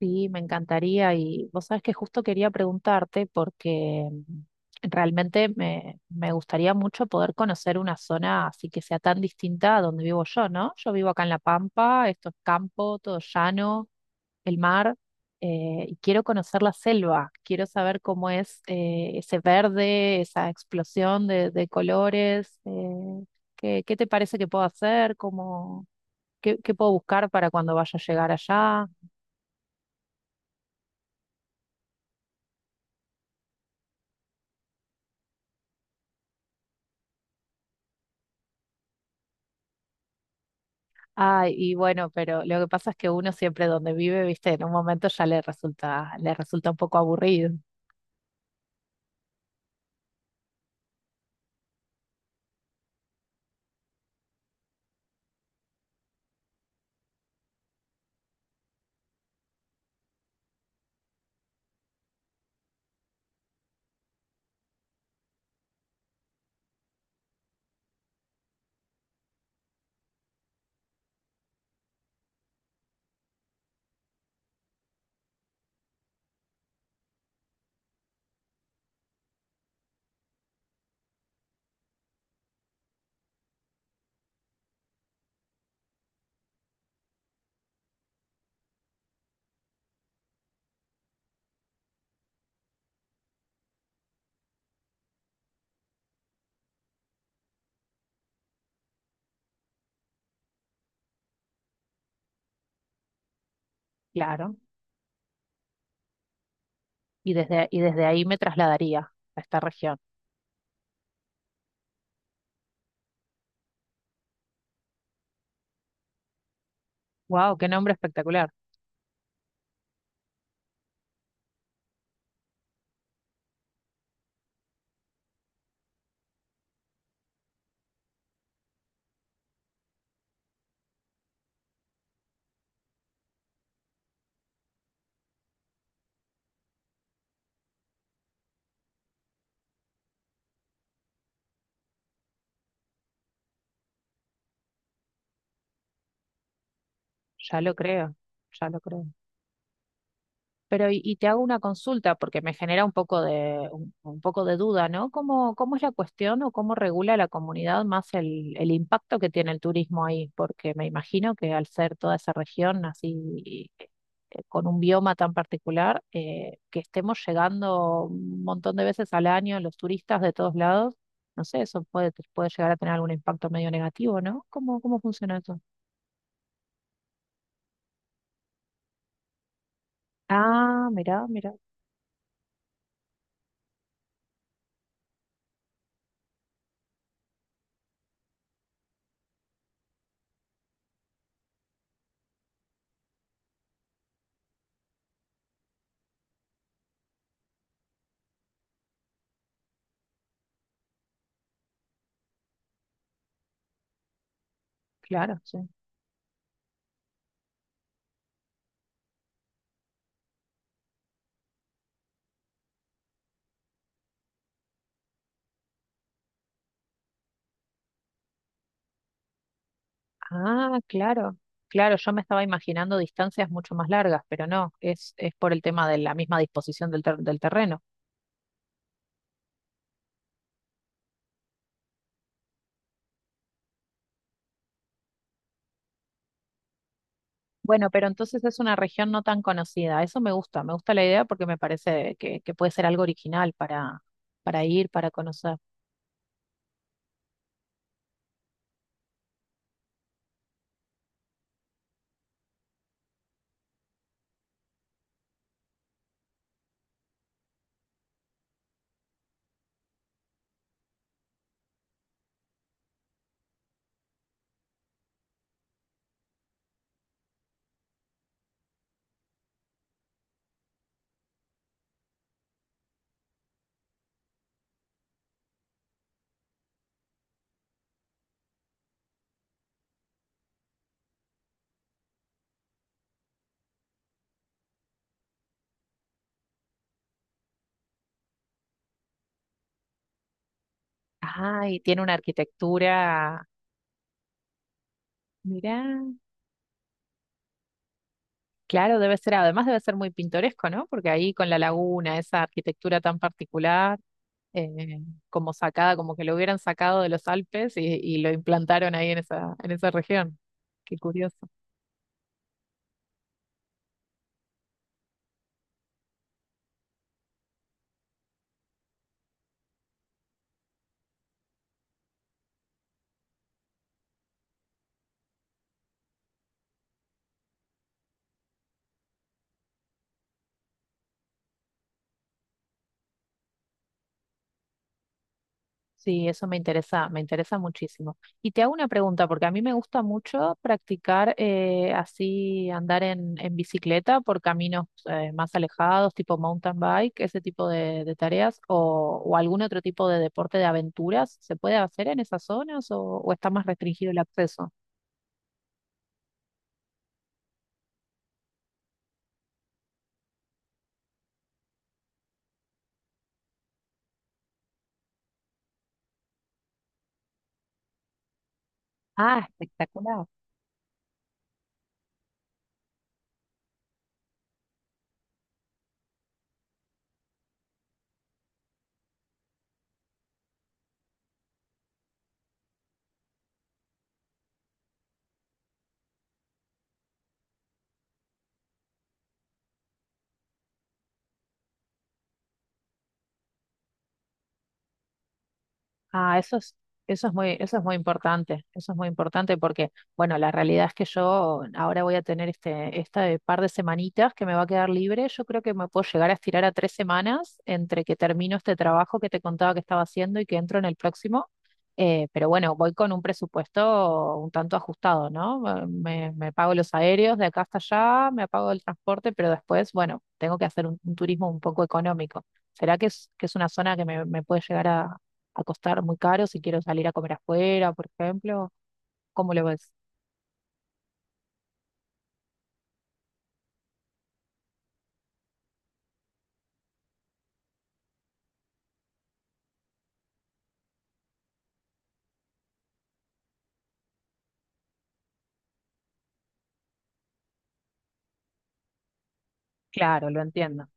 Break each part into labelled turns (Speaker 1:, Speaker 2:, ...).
Speaker 1: Sí, me encantaría y vos sabés que justo quería preguntarte porque realmente me gustaría mucho poder conocer una zona así que sea tan distinta a donde vivo yo, ¿no? Yo vivo acá en La Pampa, esto es campo, todo llano, el mar, y quiero conocer la selva, quiero saber cómo es ese verde, esa explosión de colores, ¿qué te parece que puedo hacer? ¿Cómo, qué puedo buscar para cuando vaya a llegar allá? Ay, y bueno, pero lo que pasa es que uno siempre donde vive, viste, en un momento ya le resulta un poco aburrido, claro. Y desde ahí me trasladaría a esta región. Wow, qué nombre espectacular. Ya lo creo, ya lo creo. Pero y te hago una consulta porque me genera un poco de duda, ¿no? ¿Cómo, cómo es la cuestión o cómo regula la comunidad más el impacto que tiene el turismo ahí? Porque me imagino que al ser toda esa región así con un bioma tan particular, que estemos llegando un montón de veces al año los turistas de todos lados, no sé, eso puede, puede llegar a tener algún impacto medio negativo, ¿no? ¿Cómo, cómo funciona eso? Ah, mirá, mirá, claro, sí. Ah, claro, claro, yo me estaba imaginando distancias mucho más largas, pero no, es por el tema de la misma disposición del terreno. Bueno, pero entonces es una región no tan conocida, eso me gusta la idea porque me parece que puede ser algo original para ir, para conocer. Ah, y tiene una arquitectura, mirá, claro, debe ser, además debe ser muy pintoresco, ¿no? Porque ahí con la laguna, esa arquitectura tan particular. eh, Como sacada, como que lo hubieran sacado de los Alpes y lo implantaron ahí en esa región. Qué curioso. Sí, eso me interesa muchísimo. Y te hago una pregunta, porque a mí me gusta mucho practicar así, andar en bicicleta por caminos más alejados, tipo mountain bike, ese tipo de tareas, o algún otro tipo de deporte de aventuras. ¿Se puede hacer en esas zonas o está más restringido el acceso? Ah, espectacular. Ah, eso es muy importante, eso es muy importante porque, bueno, la realidad es que yo ahora voy a tener este, este par de semanitas que me va a quedar libre. Yo creo que me puedo llegar a estirar a 3 semanas entre que termino este trabajo que te contaba que estaba haciendo y que entro en el próximo. Pero bueno, voy con un presupuesto un tanto ajustado, ¿no? Me pago los aéreos de acá hasta allá, me pago el transporte, pero después, bueno, tengo que hacer un turismo un poco económico. ¿Será que es una zona que me puede llegar a costar muy caro si quiero salir a comer afuera, por ejemplo? ¿Cómo lo ves? Claro, lo entiendo.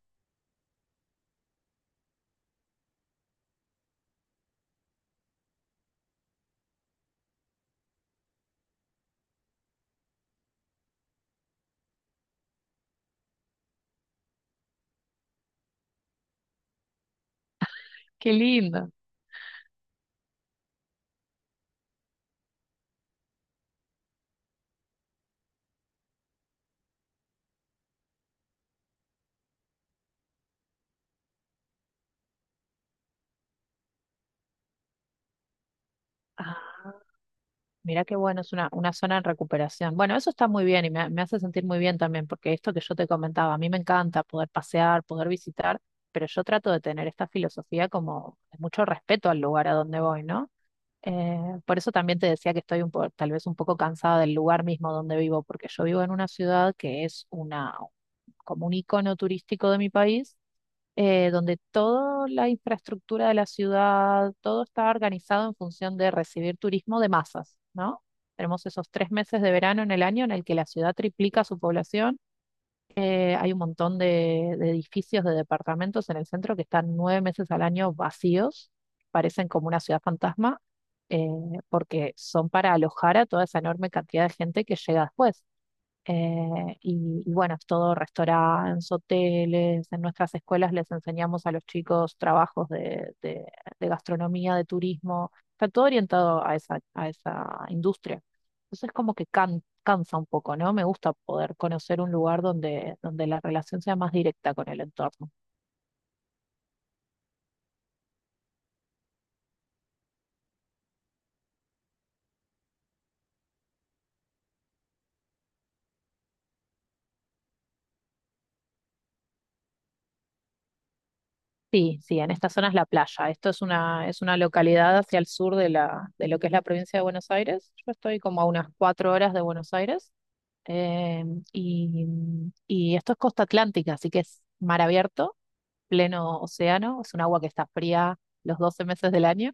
Speaker 1: Qué lindo. Ah, mira qué bueno, es una zona en recuperación. Bueno, eso está muy bien y me hace sentir muy bien también, porque esto que yo te comentaba, a mí me encanta poder pasear, poder visitar, pero yo trato de tener esta filosofía como de mucho respeto al lugar a donde voy, ¿no? Por eso también te decía que estoy tal vez un poco cansada del lugar mismo donde vivo, porque yo vivo en una ciudad que es una, como un icono turístico de mi país donde toda la infraestructura de la ciudad, todo está organizado en función de recibir turismo de masas, ¿no? Tenemos esos 3 meses de verano en el año en el que la ciudad triplica su población. Hay un montón de edificios, de departamentos en el centro que están 9 meses al año vacíos, parecen como una ciudad fantasma, eh, porque son para alojar a toda esa enorme cantidad de gente que llega después. Y, y bueno, es todo restaurantes, hoteles, en nuestras escuelas les enseñamos a los chicos trabajos de gastronomía, de turismo, está todo orientado a esa industria. Entonces como que cansa un poco, ¿no? Me gusta poder conocer un lugar donde, donde la relación sea más directa con el entorno. Sí, sí, en esta zona es la playa. Esto es una localidad hacia el sur de la, de lo que es la provincia de Buenos Aires. Yo estoy como a unas 4 horas de Buenos Aires. Eh, y, y esto es costa atlántica, así que es mar abierto, pleno océano, es un agua que está fría los 12 meses del año.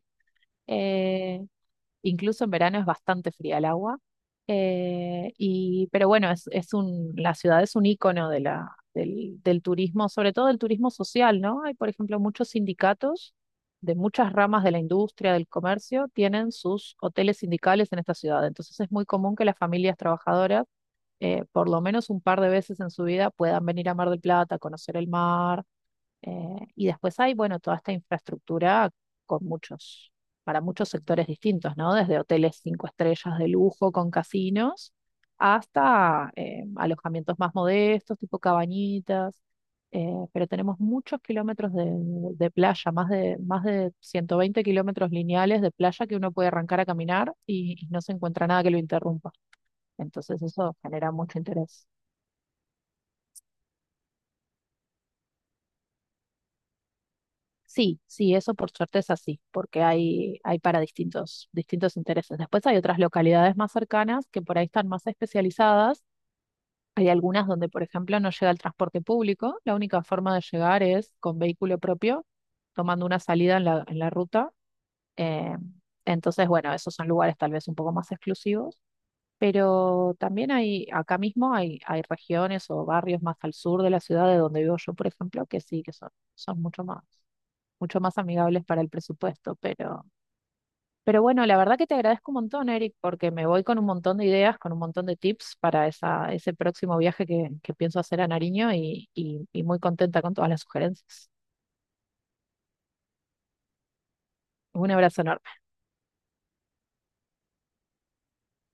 Speaker 1: Eh, Incluso en verano es bastante fría el agua. Y, pero bueno, es un, la ciudad es un icono de la, del, del turismo, sobre todo del turismo social, ¿no? Hay, por ejemplo, muchos sindicatos de muchas ramas de la industria, del comercio, tienen sus hoteles sindicales en esta ciudad. Entonces es muy común que las familias trabajadoras por lo menos un par de veces en su vida puedan venir a Mar del Plata, conocer el mar. Y después hay, bueno, toda esta infraestructura con muchos, para muchos sectores distintos, ¿no? Desde hoteles 5 estrellas de lujo con casinos hasta alojamientos más modestos, tipo cabañitas. Pero tenemos muchos kilómetros de playa, más de 120 kilómetros lineales de playa que uno puede arrancar a caminar y no se encuentra nada que lo interrumpa. Entonces eso genera mucho interés. Sí, sí, eso por suerte es así, porque hay para distintos, distintos intereses. Después hay otras localidades más cercanas que por ahí están más especializadas. Hay algunas donde, por ejemplo, no llega el transporte público. La única forma de llegar es con vehículo propio, tomando una salida en la ruta. Eh, entonces, bueno, esos son lugares tal vez un poco más exclusivos. Pero también hay, acá mismo hay, hay regiones o barrios más al sur de la ciudad de donde vivo yo, por ejemplo, que sí, que son, son mucho más amigables para el presupuesto. Pero bueno, la verdad que te agradezco un montón, Eric, porque me voy con un montón de ideas, con un montón de tips para esa, ese próximo viaje que pienso hacer a Nariño y muy contenta con todas las sugerencias. Un abrazo enorme.